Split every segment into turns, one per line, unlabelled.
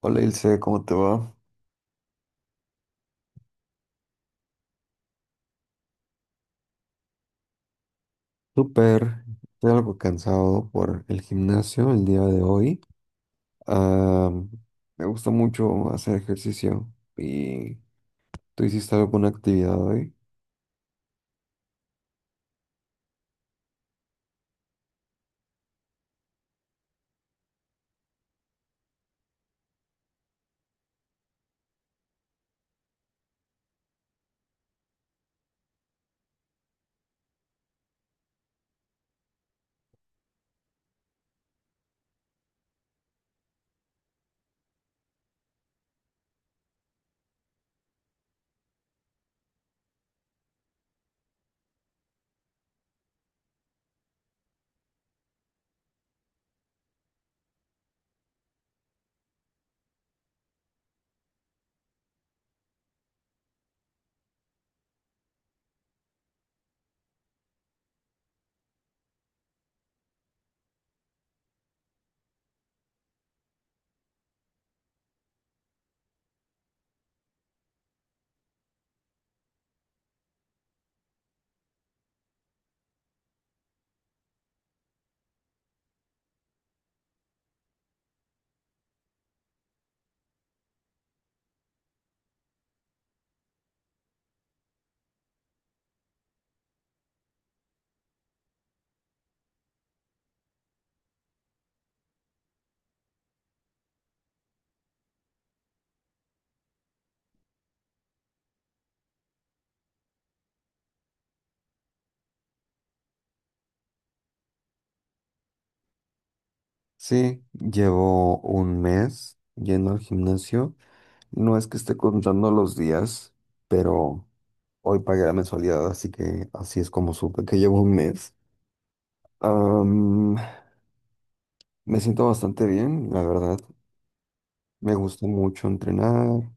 Hola Ilse, ¿cómo te va? Súper, estoy algo cansado por el gimnasio el día de hoy. Ah, me gusta mucho hacer ejercicio y ¿tú hiciste alguna actividad hoy? Sí, llevo un mes yendo al gimnasio. No es que esté contando los días, pero hoy pagué la mensualidad, así que así es como supe que llevo un mes. Am, Me siento bastante bien, la verdad. Me gusta mucho entrenar.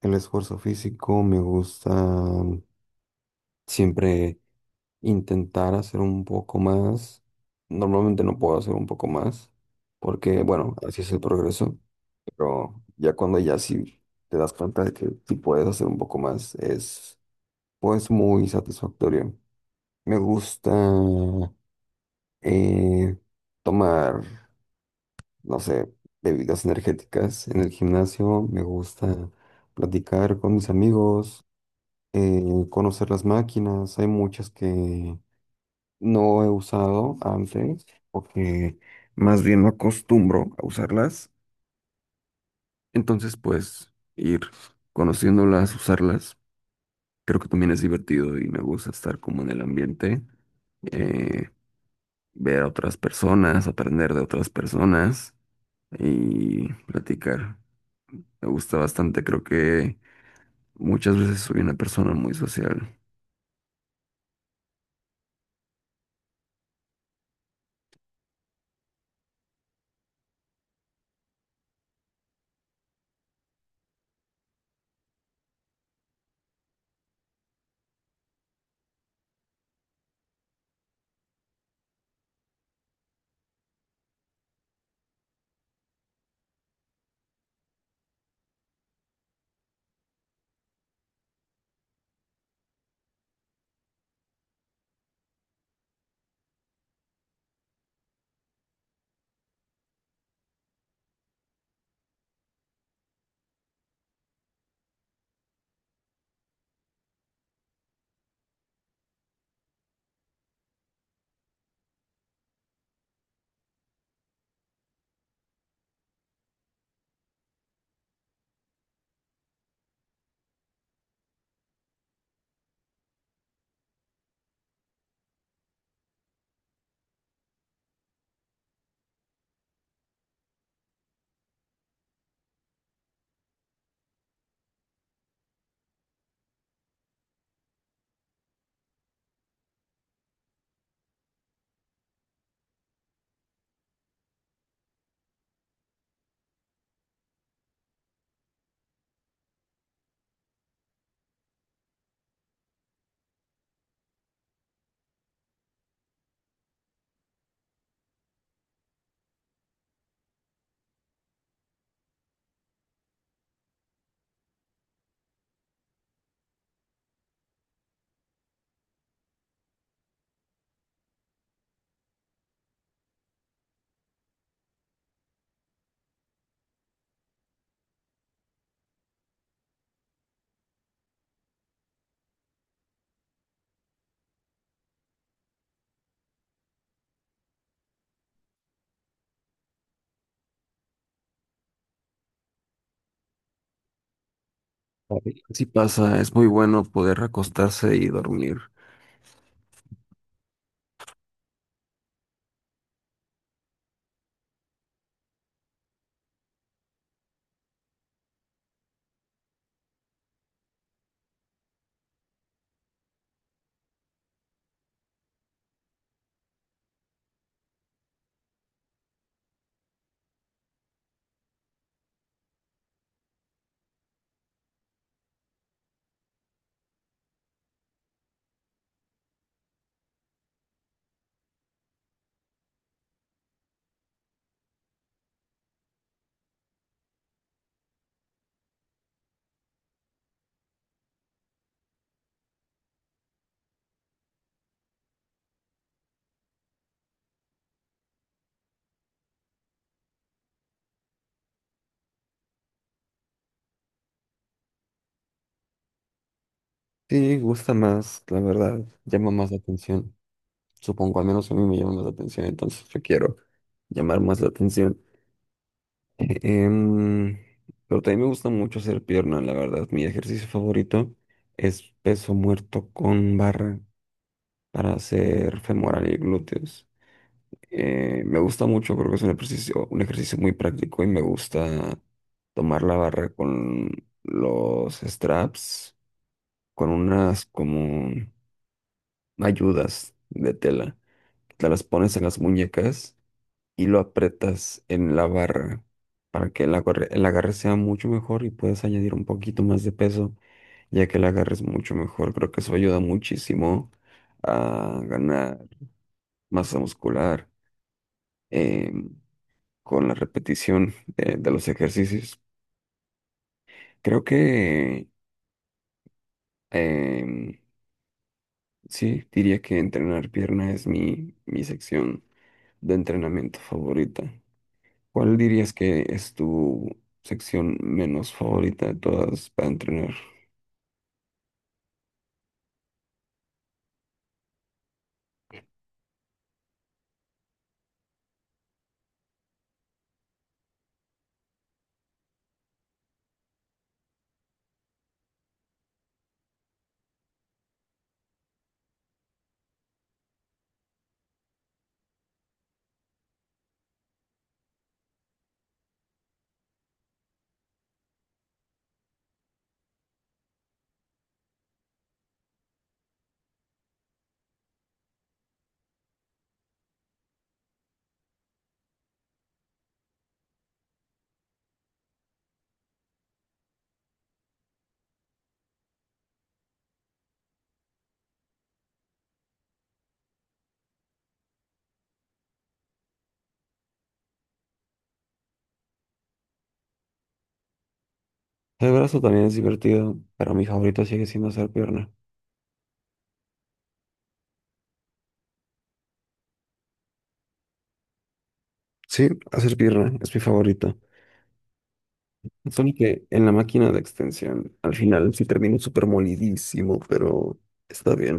El esfuerzo físico, me gusta siempre intentar hacer un poco más. Normalmente no puedo hacer un poco más, porque bueno, así es el progreso, pero ya cuando ya sí te das cuenta de que sí puedes hacer un poco más, es pues muy satisfactorio. Me gusta eh, tomar, no sé, bebidas energéticas en el gimnasio, me gusta platicar con mis amigos. Conocer las máquinas. Hay muchas que no he usado antes porque más bien no acostumbro a usarlas. Entonces, pues ir conociéndolas, usarlas, creo que también es divertido y me gusta estar como en el ambiente, eh, ver a otras personas, aprender de otras personas y platicar. Me gusta bastante, creo que muchas veces soy una persona muy social. Ok. Sí pasa, es muy bueno poder acostarse y dormir. Sí, gusta más, la verdad, llama más la atención. Supongo, al menos a mí me llama más la atención, entonces yo quiero llamar más la atención. Em, pero también me gusta mucho hacer pierna, la verdad. Mi ejercicio favorito es peso muerto con barra, para hacer femoral y glúteos. Me gusta mucho, creo que es un ejercicio muy práctico y me gusta tomar la barra con los straps, con unas como ayudas de tela. Te las pones en las muñecas y lo aprietas en la barra para que el agarre sea mucho mejor y puedes añadir un poquito más de peso, ya que el agarre es mucho mejor. Creo que eso ayuda muchísimo a ganar masa muscular eh, con la repetición de los ejercicios. Creo que em, sí, diría que entrenar pierna es mi sección de entrenamiento favorita. ¿Cuál dirías que es tu sección menos favorita de todas para entrenar? El brazo también es divertido, pero mi favorito sigue siendo hacer pierna. Sí, hacer pierna es mi favorito. Solo que en la máquina de extensión, al final sí termino súper molidísimo, pero está bien.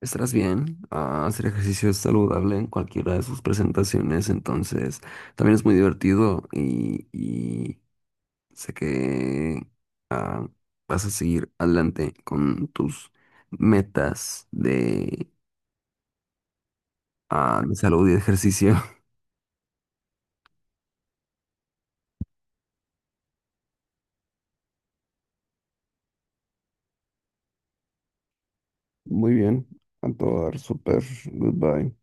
Estarás bien. Ah, hacer ejercicio es saludable en cualquiera de sus presentaciones, entonces también es muy divertido y sé que ah, vas a seguir adelante con tus metas de, ah, de salud y de ejercicio. Muy bien, a todo dar, súper, goodbye.